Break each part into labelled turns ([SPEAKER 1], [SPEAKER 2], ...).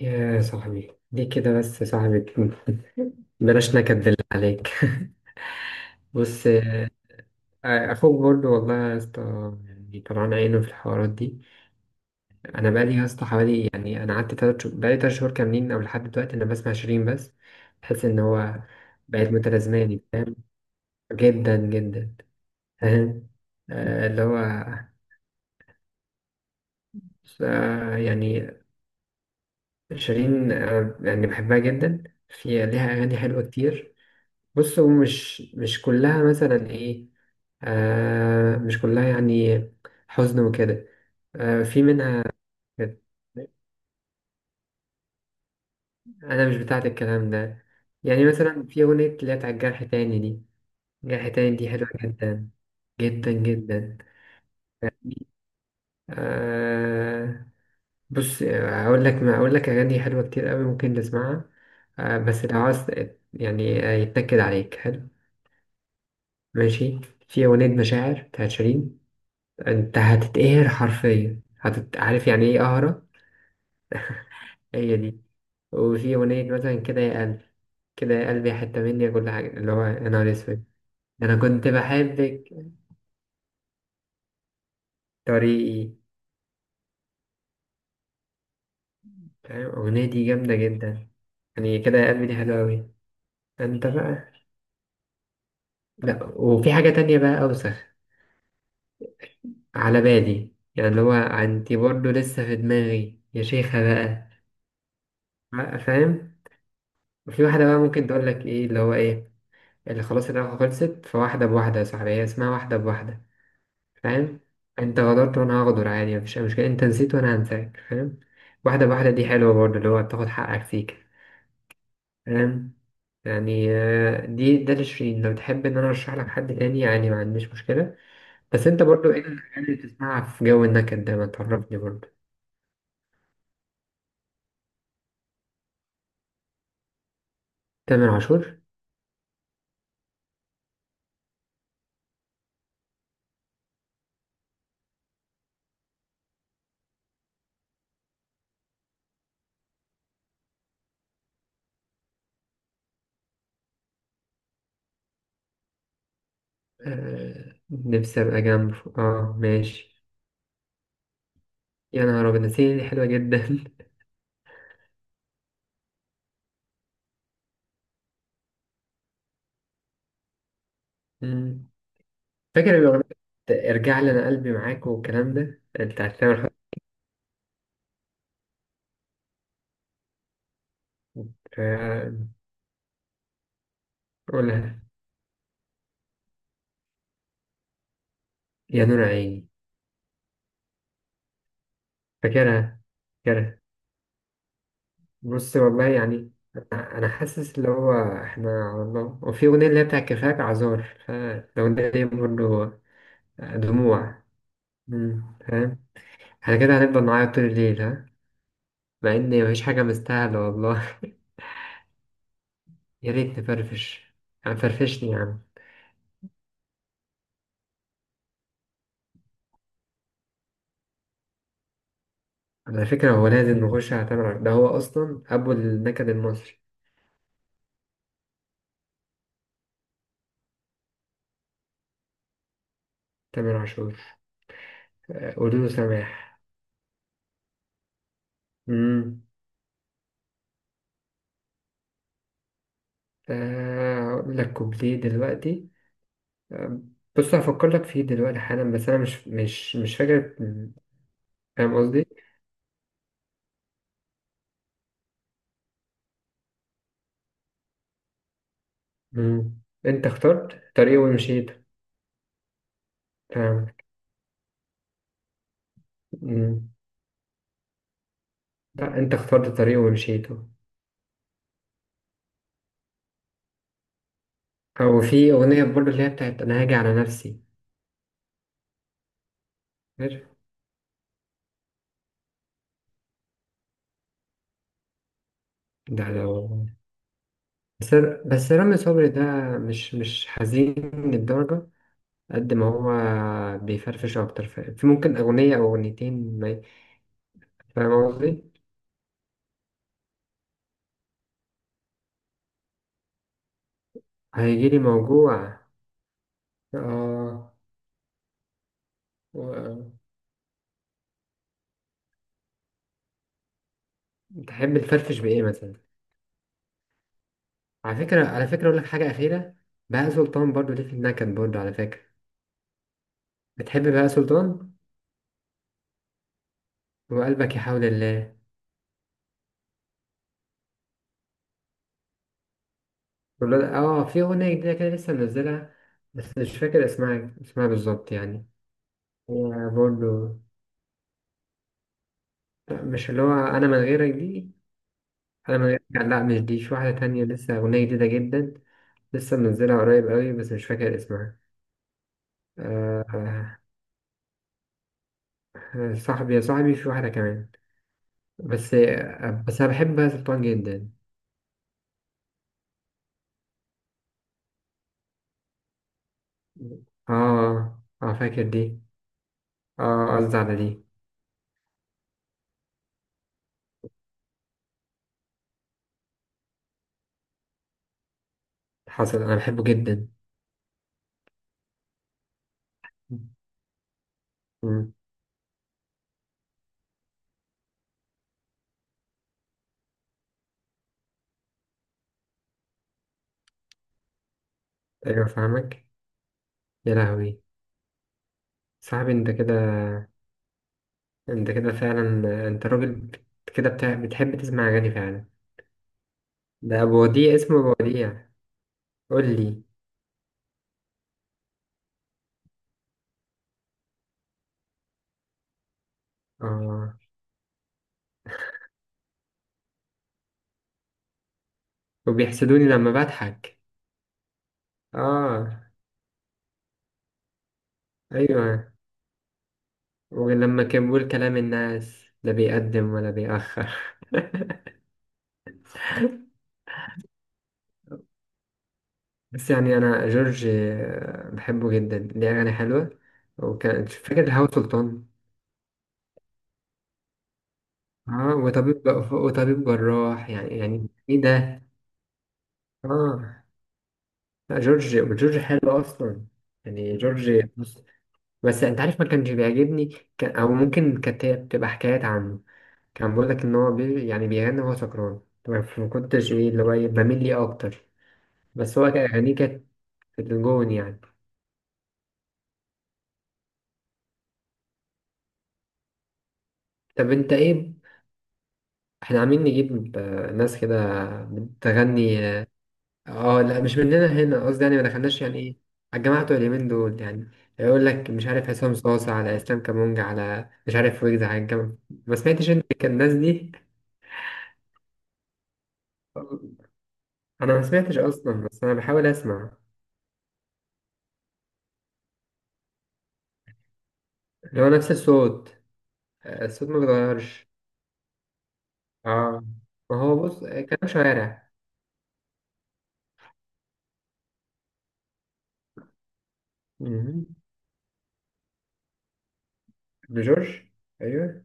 [SPEAKER 1] يا صاحبي ليه كده بس يا صاحبي. بلاش نكد بالله عليك. بص، اخوك برضو والله يا اسطى، يعني طلعان عينه في الحوارات دي. انا بقالي يا اسطى حوالي، يعني انا قعدت تلات شهور، بقالي تلات شهور كاملين او لحد دلوقتي انا بسمع شيرين بس. بحس ان هو بقت متلازماني فاهم، جدا جدا. فاهم. اللي هو يعني شيرين يعني بحبها جدا. في ليها اغاني حلوه كتير. بص هو مش كلها مثلا ايه. مش كلها يعني حزن وكده. في منها. كانت- أنا مش بتاعت الكلام ده. يعني مثلا في أغنية اللي هي بتاعت جرح تاني دي، جرح تاني دي حلوة جدا، جدا جدا. آه بص، أقول لك ما أقول لك أغاني حلوة كتير أوي ممكن تسمعها. بس لو عاوز يعني يتنكد عليك حلو. ماشي. في أغنية مشاعر بتاعت شيرين. أنت هتتقهر حرفيا، عارف يعني إيه قهرة؟ هي دي. وفي أغنية مثلا كده يا قلبي، كده يا قلبي، حتة مني، كل حاجة، اللي هو يا نهار أسود، أنا كنت بحبك، طريقي. فاهم الأغنية دي جامدة جدا. يعني كده يا قلبي دي حلوة أوي. أنت بقى لأ، وفي حاجة تانية بقى أوسخ على بالي، يعني اللي هو أنت برضه لسه في دماغي يا شيخة بقى، بقى فاهم. وفي واحدة بقى ممكن تقول لك إيه، اللي هو إيه اللي خلاص العلاقة خلصت، فواحدة بواحدة يا صاحبي، هي اسمها واحدة بواحدة، فاهم. انت غدرت وانا هغدر عادي، مفيش اي مشكله، انت نسيت وانا هنساك، فاهم. واحده بواحده دي حلوه برضه، اللي هو تاخد حقك فيك، فاهم. يعني دي ده لشيرين، لو تحب ان انا ارشح لك حد تاني يعني ما عنديش مشكله. بس انت برضه ايه الاغاني اللي بتسمعها في جو النكد ده؟ ما تعرفني برضه. تامر عاشور. آه، نفسي ابقى جنبه، اه ماشي. يا نهار ابيض، نسيني دي حلوه جدا. مم. فاكر الاغنيه بتاعت ارجع لي، انا قلبي معاك والكلام ده، بتاعت تامر حسني. آه، قولها. يا نور عيني. فاكرها فاكرها. بص والله يعني أنا حاسس اللي هو إحنا على الله. وفي أغنية اللي هي بتاع كفاك عذار، فالأغنية دي برضه دموع. مم، فاهم. إحنا كده هنفضل نعيط طول الليل ها؟ مع إن مفيش حاجة مستاهلة والله. يا ريت نفرفش. يعني فرفشني يا عم. على فكرة هو لازم نخش على تامر عاشور، ده هو أصلا أبو النكد المصري. تامر عاشور، قولوا له سماح. مم. هقول لك كوبليه دلوقتي. بص هفكر لك فيه دلوقتي حالا، بس انا مش فاكر. فاهم قصدي. مم. انت اخترت طريق ومشيت. تمام. مم. لا، انت اخترت طريق ومشيته. او في اغنيه برضه اللي هي بتاعت انا هاجي على نفسي. فاكر؟ ده لو بس رامي صبري ده مش حزين للدرجه، قد ما هو بيفرفش اكتر، في ممكن اغنيه او اغنيتين، فاهم قصدي. هيجيلي موجوع اه. تحب تفرفش بايه مثلا؟ على فكره اقول لك حاجه اخيره. بهاء سلطان برضو ليه في النكد برضو على فكره. بتحب بهاء سلطان؟ وقلبك يحاول الله. اه، في اغنيه جديده كده لسه منزلها، بس مش فاكر اسمها بالظبط يعني. هي برضو لا، مش اللي هو انا من غيرك دي. انا من غيرك لا مش دي، في واحده تانية لسه، اغنيه جديده جدا، لسه منزلها قريب قوي، بس مش فاكر اسمها. آه صاحبي يا صاحبي، في واحده كمان، بس بس انا بحب بهاء سلطان جدا. اه فاكر دي. اه، قصدي على دي. حصل، انا بحبه جدا. مم. ايوه فاهمك. يا لهوي. صاحبي انت كده، انت كده فعلا. انت راجل كده بتحب تسمع اغاني فعلا. ده ابو وديع، اسمه ابو وديع. قول لي. اه، وبيحسدوني لما بضحك. اه، ايوه، ولما كان بيقول كلام الناس لا بيقدم ولا بيأخر. بس يعني انا جورج بحبه جدا، ليه اغاني حلوه. وكان فاكر الهوا سلطان. اه، وطبيب وطبيب جراح، يعني ايه ده. اه، لا، جورج حلو اصلا. يعني جورج بص، بس انت عارف ما كانش بيعجبني. كان او ممكن كانت هي بتبقى حكايات عنه، كان بيقول لك ان هو يعني بيغني وهو سكران طبعا، فما كنتش ايه اللي هو بميل ليه اكتر. بس هو كان اغانيه كانت في الجون يعني. طب انت ايه؟ احنا عاملين نجيب ناس كده بتغني اه. لا، مش مننا هنا قصدي، يعني ما دخلناش يعني ايه، على الجماعة بتوع اليمين دول يعني. يقول لك مش عارف حسام صاصة، على اسلام كامونج، على مش عارف ويجز على الجامعة. ما سمعتش انت كان الناس دي؟ انا ما سمعتش اصلا، بس انا بحاول اسمع. اللي هو نفس الصوت، الصوت ما بيتغيرش. اه، ما هو بص كلام شوارع. مهم. ابن جورج. ايوه،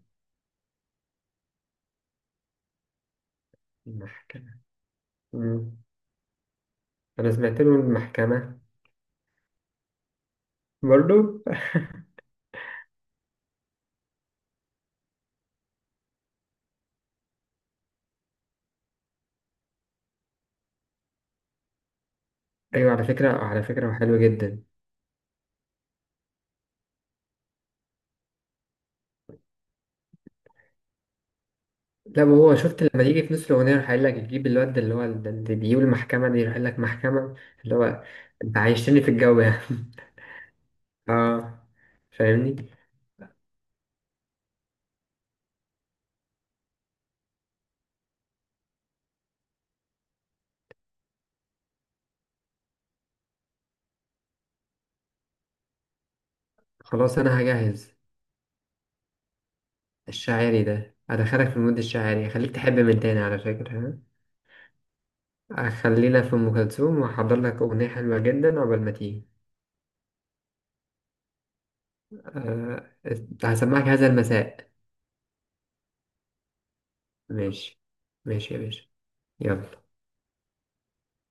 [SPEAKER 1] المحكمة. مم. انا سمعت له المحكمة برضو. ايوه على فكره، وحلو جدا. لا، وهو شفت لما يجي في نص الاغنيه يروح قايل لك يجيب الواد اللي هو اللي بيجيب المحكمه دي، يروح قايل لك محكمه. اللي هو انت عايشتني في الجو يعني. اه فاهمني. خلاص انا هجهز. الشاعري ده؟ ادخلك في المود الشاعري، اخليك تحب من تاني على فكره. ها خلينا في ام كلثوم، واحضر لك اغنيه حلوه جدا عقبال ما تيجي. أه، هسمعك هذا المساء. ماشي. ماشي يا باشا. يلا.